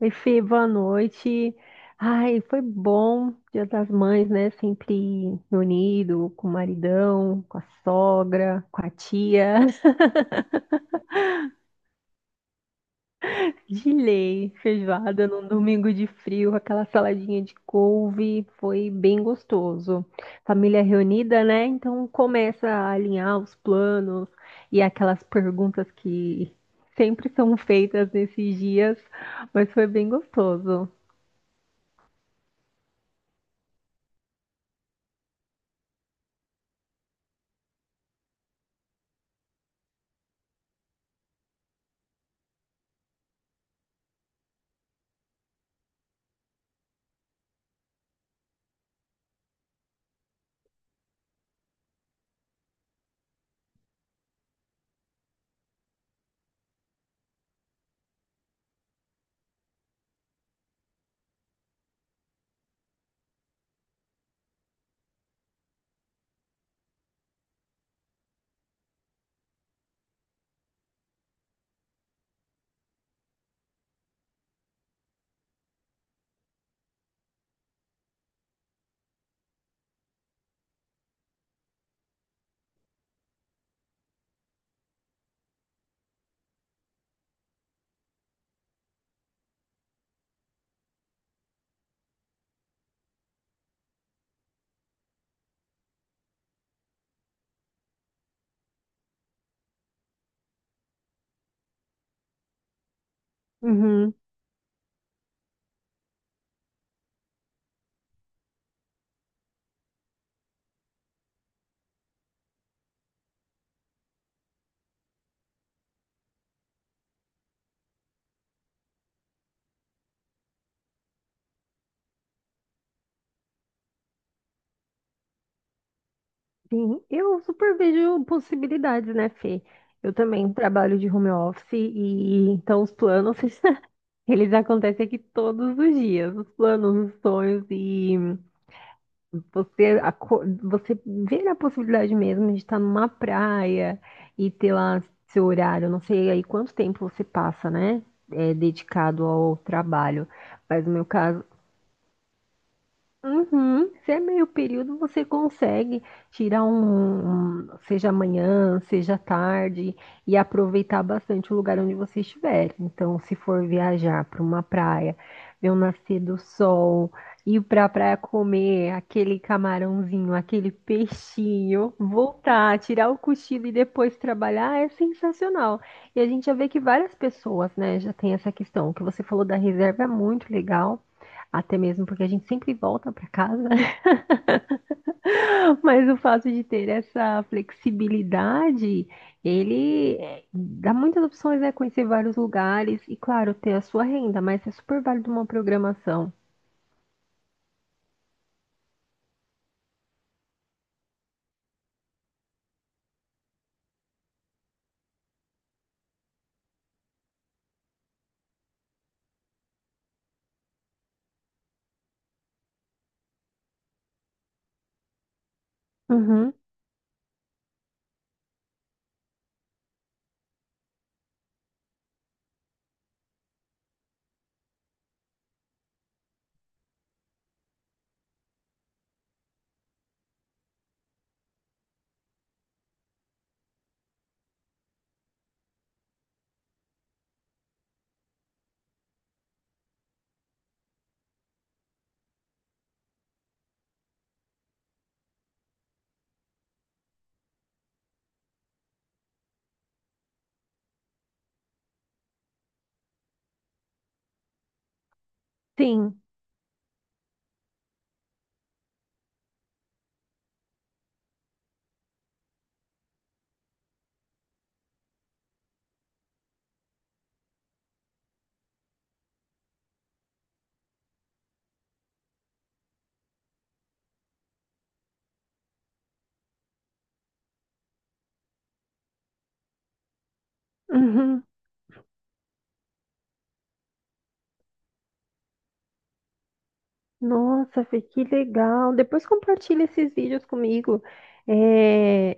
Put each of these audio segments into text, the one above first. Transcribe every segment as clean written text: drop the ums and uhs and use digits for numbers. Oi, Fê, boa noite. Ai, foi bom. Dia das Mães, né? Sempre reunido com o maridão, com a sogra, com a tia. De lei, feijoada num domingo de frio, aquela saladinha de couve. Foi bem gostoso. Família reunida, né? Então começa a alinhar os planos e aquelas perguntas que sempre são feitas nesses dias, mas foi bem gostoso. Uhum. Sim, eu super vejo possibilidades, né, Fê? Eu também trabalho de home office e então os planos, eles acontecem aqui todos os dias, os planos, os sonhos e você, você vê a possibilidade mesmo de estar numa praia e ter lá seu horário. Eu não sei aí quanto tempo você passa, né, é, dedicado ao trabalho, mas no meu caso. Uhum. Se é meio período, você consegue tirar um, seja amanhã, seja tarde, e aproveitar bastante o lugar onde você estiver. Então, se for viajar para uma praia, ver o nascer do sol, ir para a praia comer aquele camarãozinho, aquele peixinho, voltar, tirar o cochilo e depois trabalhar, é sensacional. E a gente já vê que várias pessoas, né, já tem essa questão. O que você falou da reserva é muito legal. Até mesmo porque a gente sempre volta para casa, mas o fato de ter essa flexibilidade, ele é, dá muitas opções, né? Conhecer vários lugares e, claro, ter a sua renda, mas é super válido uma programação. Uhum, sim. Uhum. Nossa, Fê, que legal. Depois compartilha esses vídeos comigo. É,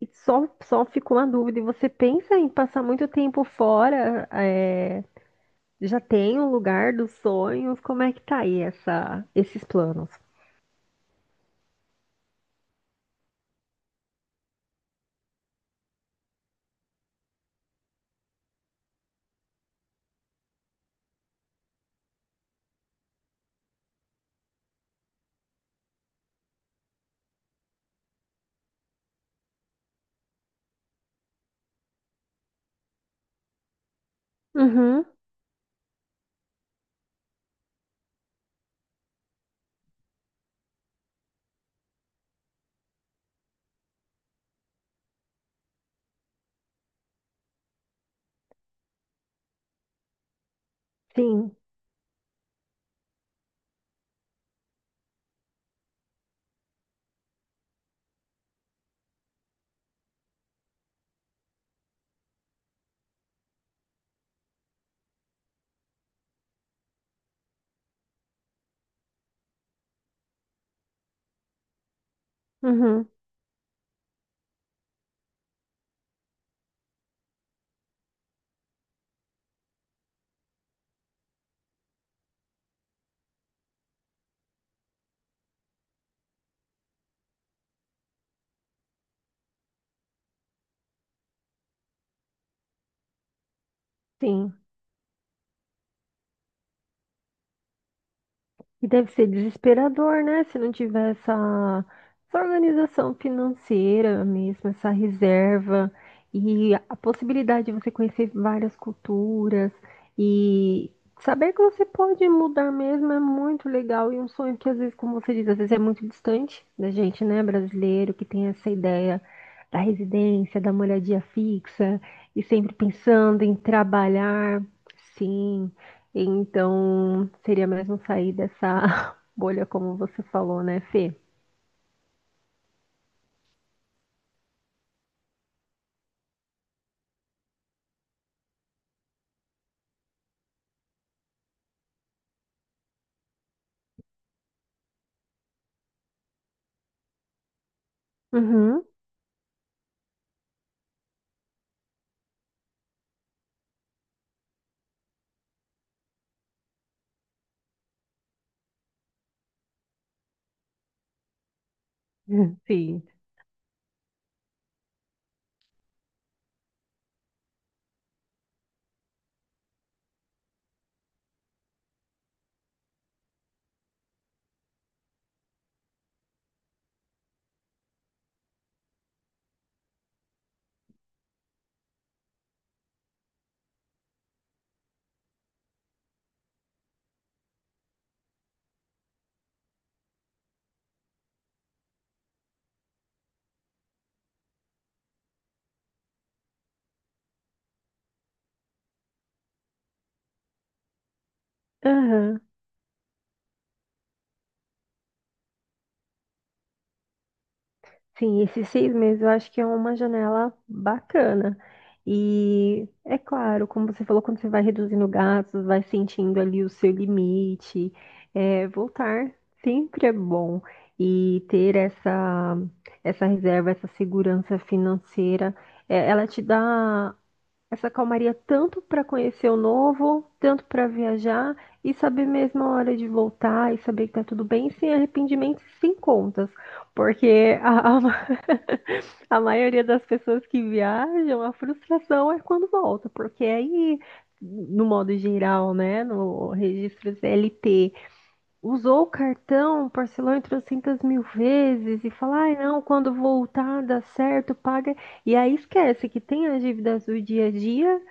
e só ficou uma dúvida. E você pensa em passar muito tempo fora? Já tem o lugar dos sonhos? Como é que tá aí essa, esses planos? Uhum, sim, uhum, sim. E deve ser desesperador, né? Se não tiver essa organização financeira mesmo, essa reserva e a possibilidade de você conhecer várias culturas e saber que você pode mudar mesmo é muito legal e um sonho que às vezes, como você diz, às vezes é muito distante da gente, né, brasileiro, que tem essa ideia da residência, da moradia fixa e sempre pensando em trabalhar. Sim. Então, seria mesmo sair dessa bolha, como você falou, né, Fê? Uhum. Sim. Aham. Sim, esses 6 meses eu acho que é uma janela bacana. E é claro, como você falou, quando você vai reduzindo gastos, vai sentindo ali o seu limite. É, voltar sempre é bom. E ter essa reserva, essa segurança financeira, é, ela te dá essa calmaria tanto para conhecer o novo, tanto para viajar e saber mesmo a hora de voltar e saber que tá tudo bem, sem arrependimentos e sem contas. Porque a, a maioria das pessoas que viajam, a frustração é quando volta, porque aí, no modo geral, né, no registro CLT, usou o cartão, parcelou em 300 mil vezes e fala, ai não, quando voltar dá certo, paga. E aí esquece que tem as dívidas do dia a dia,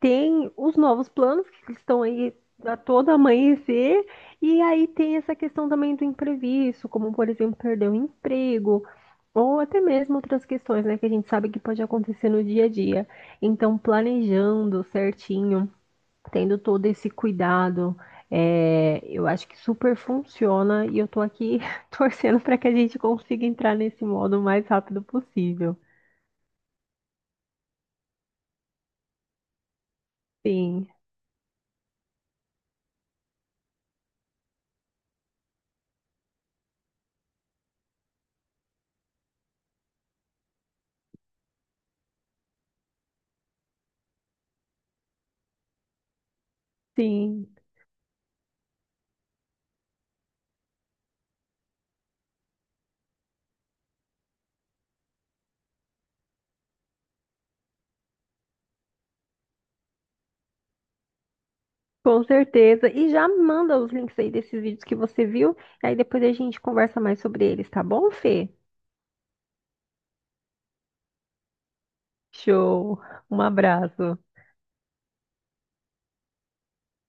tem os novos planos que estão aí a todo amanhecer, e aí tem essa questão também do imprevisto, como por exemplo, perder o emprego, ou até mesmo outras questões, né, que a gente sabe que pode acontecer no dia a dia. Então, planejando certinho, tendo todo esse cuidado, é, eu acho que super funciona e eu tô aqui torcendo para que a gente consiga entrar nesse modo o mais rápido possível. Sim, sim. Com certeza. E já manda os links aí desses vídeos que você viu. Aí depois a gente conversa mais sobre eles, tá bom, Fê? Show. Um abraço.